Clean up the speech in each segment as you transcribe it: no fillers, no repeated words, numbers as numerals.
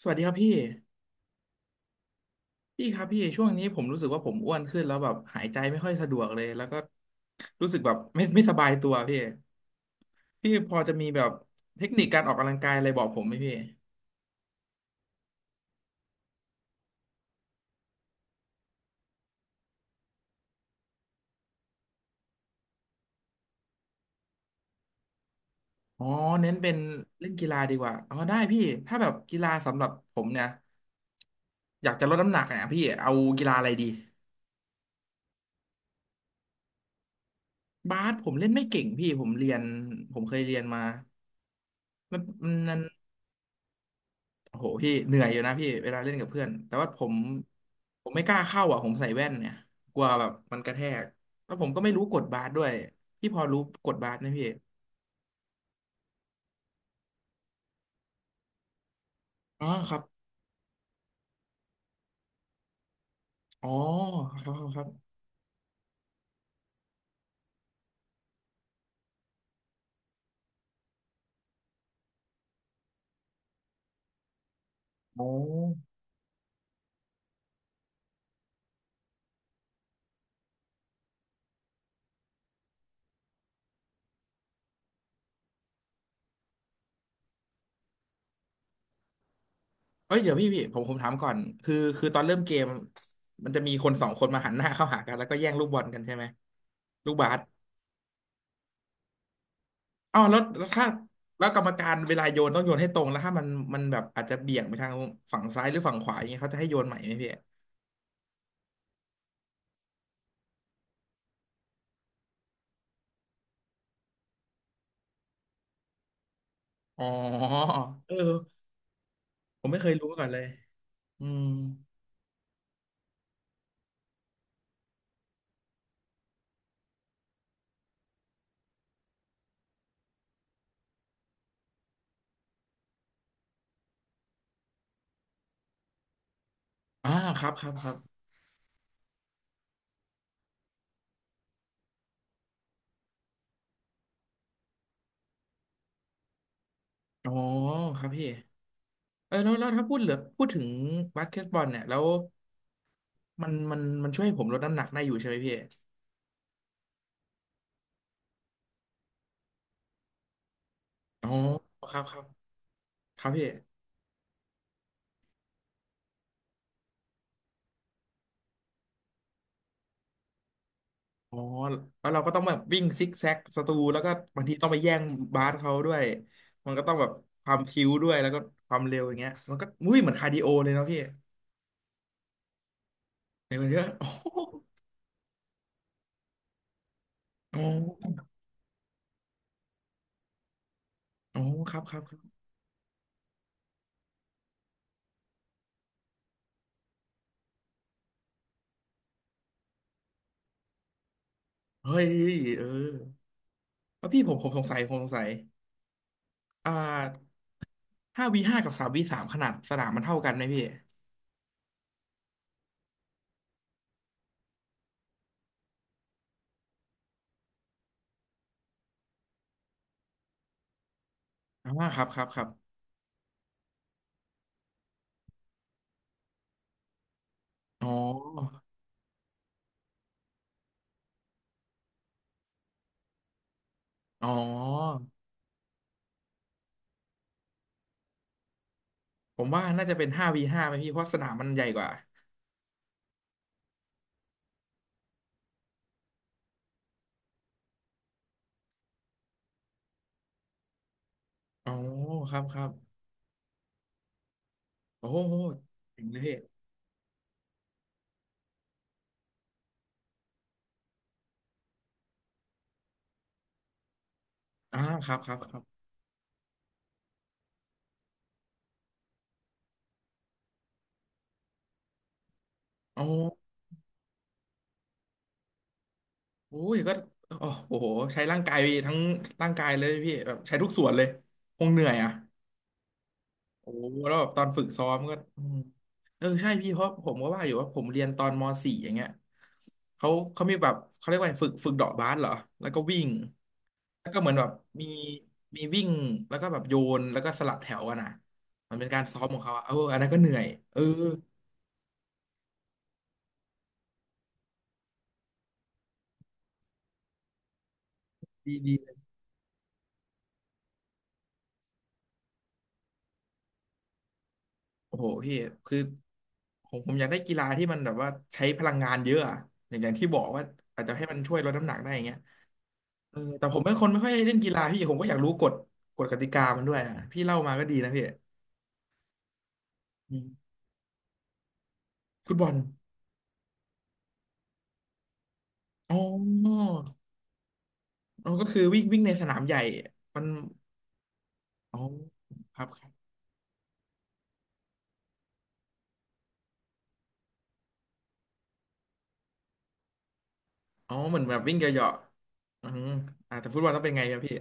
สวัสดีครับพี่พี่ครับพี่ช่วงนี้ผมรู้สึกว่าผมอ้วนขึ้นแล้วแบบหายใจไม่ค่อยสะดวกเลยแล้วก็รู้สึกแบบไม่สบายตัวพี่พี่พอจะมีแบบเทคนิคการออกกำลังกายอะไรบอกผมไหมพี่อ๋อเน้นเป็นเล่นกีฬาดีกว่าอ๋อได้พี่ถ้าแบบกีฬาสำหรับผมเนี่ยอยากจะลดน้ำหนักเนี่ยพี่เอากีฬาอะไรดีบาสผมเล่นไม่เก่งพี่ผมเรียนผมเคยเรียนมามันมัน โอ้โหพี่เหนื่อยอยู่นะพี่เวลาเล่นกับเพื่อนแต่ว่าผมไม่กล้าเข้าอ่ะผมใส่แว่นเนี่ยกลัวแบบมันกระแทกแล้วผมก็ไม่รู้กดบาสด้วยพี่พอรู้กดบาสไหมพี่อ๋อครับอ๋อครับครับครับโอเอ้ยเดี๋ยวพี่ผมถามก่อนคือตอนเริ่มเกมมันจะมีคนสองคนมาหันหน้าเข้าหากันแล้วก็แย่งลูกบอลกันใช่ไหมลูกบาสอ๋อาวแล้วถ้าแล้วกรรมการเวลาโยนต้องโยนให้ตรงแล้วถ้ามันแบบอาจจะเบี่ยงไปทางฝั่งซ้ายหรือฝั่งขวาอย่างเงี้ยเขาจะให้โยนใหม่ไหมพี่ อ๋อเออผมไม่เคยรู้มาก่อนเลยอืมอ่าครับครับครับอ๋อครับพี่เออแล้วถ้าพูดเหลือพูดถึงบาสเกตบอลเนี่ยแล้วมันช่วยให้ผมลดน้ำหนักได้อยู่ใช่ไหมพี่อ๋อครับครับครับพี่อ๋อแล้วเราก็ต้องแบบวิ่งซิกแซกสตูแล้วก็บางทีต้องไปแย่งบาสเขาด้วยมันก็ต้องแบบความพริ้วด้วยแล้วก็ความเร็วอย่างเงี้ยมันก็อุ้ยเหมือนคาร์ดิโอเลยเนาะพี่เหมือนเย อะโอ้โหโอ้ครับครับครับเฮ้ยเออ เออพี่ผมสงสัยผมสงสัยอ่าห้าวีห้ากับสามวีสามขนาดสนามมันเท่ากันไหมพี่อ่าครับครับครับอ๋ออ๋อผมว่าน่าจะเป็นห้าวีห้าไหมพี่เพราะสนามมันใหญ่กว่าอ๋อครับครับโอ้โหถึงเลยพี่อ่าครับครับครับโอ้โอ้ยก็โอ้โหใช้ร่างกายทั้งร่างกายเลยพี่แบบใช้ทุกส่วนเลย คงเหนื่อยอ่ะ โอ้แล้วแบบตอนฝึกซ้อมก็อืมเออใช่พี่เพราะผมก็ว่าอยู่ว่าผมเรียนตอนมสี่อย่างเงี้ยเขามีแบบเขาเรียกว่าฝึกเดาะบาสเหรอแล้วก็วิ่งแล้วก็เหมือนแบบมีมีวิ่งแล้วก็แบบโยนแล้วก็สลับแถวอะนะมันเป็นการซ้อมของเขาอะเอออันนั้นก็เหนื่อยเออดีดีโอ้โหพี่คือผมอยากได้กีฬาที่มันแบบว่าใช้พลังงานเยอะอะอย่างอย่างที่บอกว่าอาจจะให้มันช่วยลดน้ำหนักได้อย่างเงี้ย เออแต่ผมเป็นคนไม่ค่อยเล่นกีฬาพี่ผมก็อยากรู้กฎกฎกติกามันด้วยอ่ะพี่เล่ามาก็ดีนะพี่อืมฟุตบอลอ๋ออ๋อก็คือวิ่งวิ่งในสนามใหญ่มันอ๋อครับครับอ๋อเหมือนแบบวิ่งเหยาะๆอืมอ่าแต่ฟุตบอลต้องเป็นไงครับพี่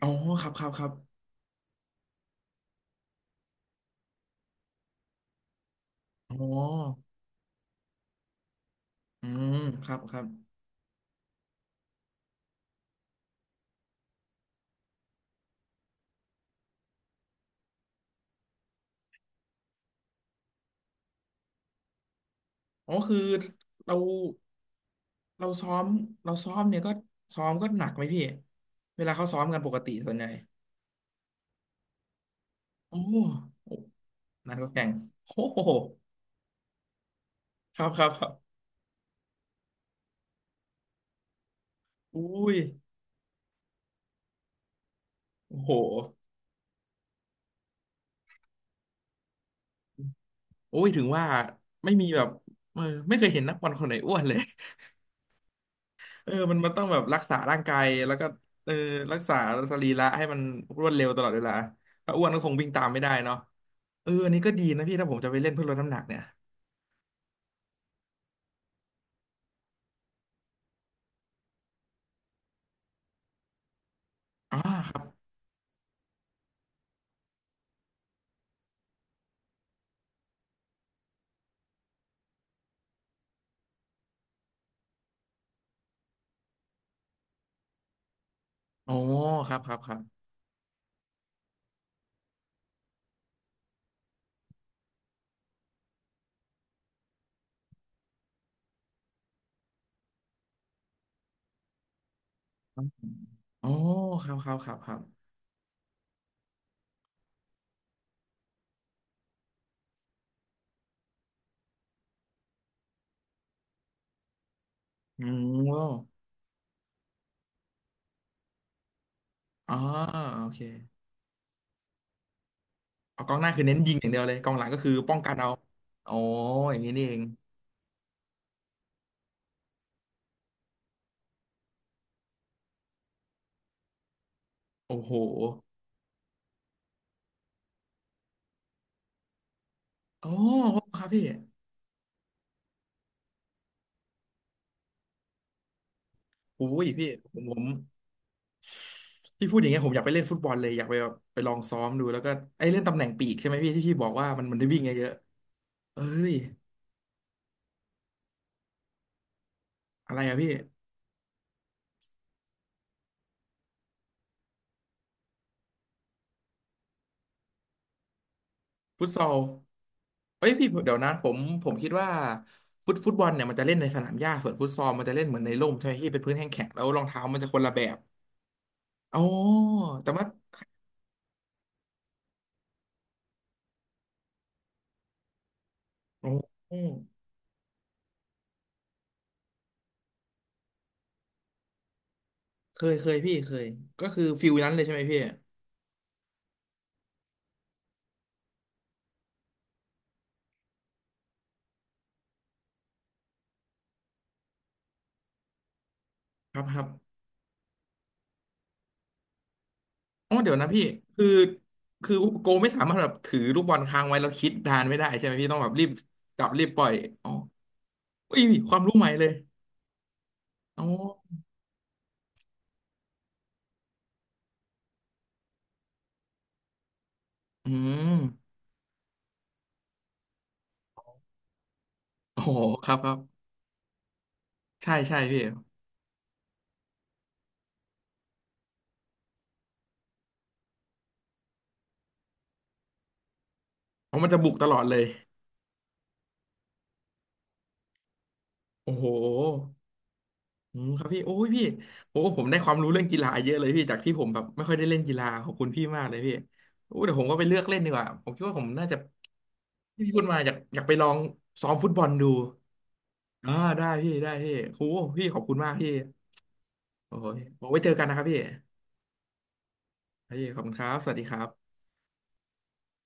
อ๋อครับครับครับอ๋ออืมครับครับอ๋อคือเราเราซ้อมเราซ้อมเนี่ยก็ซ้อมก็หนักไหมพี่เวลาเขาซ้อมกันปกติส่วนใหญ่โอ้โหนัดก็แข่งโอ้โห ครับครับครับอุ้ยโอ้โหโอ้ยถึงว่าไม่มีแบบเออไม่เคยเห็นนักบอลคนไหนอ้วนเลย เออมันมันต้องแบบรักษาร่างกายแล้วก็เออรักษาสรีระให้มันรวดเร็วตลอดเวลาถ้าอ้วนก็คงวิ่งตามไม่ได้เนาะเอออันนี้ก็ดีนะพี่ถ้าผมจะไปเล่นเพื่อลดน้ำหนักเนี่ยอ๋อครับโอ้ครับครับครับโอ้ครับครับครับครับอืมอ๋อโอเคเอากองหน้าคือเน้นยิงอย่างเดียวเลยกองหลังก็คือป้องกันเอาอ๋ออย่างนี้นี่เองโอ้โห อ๋อครับพี่อุ้ยพี่ผมผมพี่พูดอย่างเงี้ยผมอยากไปเล่นฟุตบอลเลยอยากไปแบบไปลองซ้อมดูแล้วก็ไอ้เล่นตำแหน่งปีกใช่ไหมพี่ที่พี่บอกว่ามันมันได้วิ่งเยอะๆเอ้ยอะไรอะพี่ฟุตซอลเอ้ยพี่เดี๋ยวนะผมคิดว่าฟุตบอลเนี่ยมันจะเล่นในสนามหญ้าส่วนฟุตซอลมันจะเล่นเหมือนในร่มใช่ไหมพี่เป็นพื้นแห้งแข็งแล้วรองเท้ามันจะคนละแบบอ๋อแต่ว่าโอ้เคยพี่เคยก็คือฟิลนั้นเลยใช่ไหมพี่ครับครับ อ๋อเดี๋ยวนะพี่คือคือโกไม่สามารถแบบถือลูกบอลค้างไว้แล้วคิดนานไม่ได้ใช่ไหมพี่ต้องแบบรีบจับรีบปล่อยอ๋ออุ้ยความรู้ใหม่เลยอ๋ออืมโอ้โหครับครับใช่ใช่พี่อ๋อมันจะบุกตลอดเลยโอ้โหอืมครับพี่โอ้ยพี่โอ้ผมได้ความรู้เรื่องกีฬาเยอะเลยพี่จากที่ผมแบบไม่ค่อยได้เล่นกีฬาขอบคุณพี่มากเลยพี่โอ้เดี๋ยวผมก็ไปเลือกเล่นดีกว่าผมคิดว่าผมน่าจะที่พี่พูดมาอยากไปลองซ้อมฟุตบอลดูอ่าได้พี่ได้พี่โอ้พี่ขอบคุณมากพี่ โอ้ยบอกไว้เจอกันนะครับพี่พี่ ขอบคุณครับ สวัสดีครับ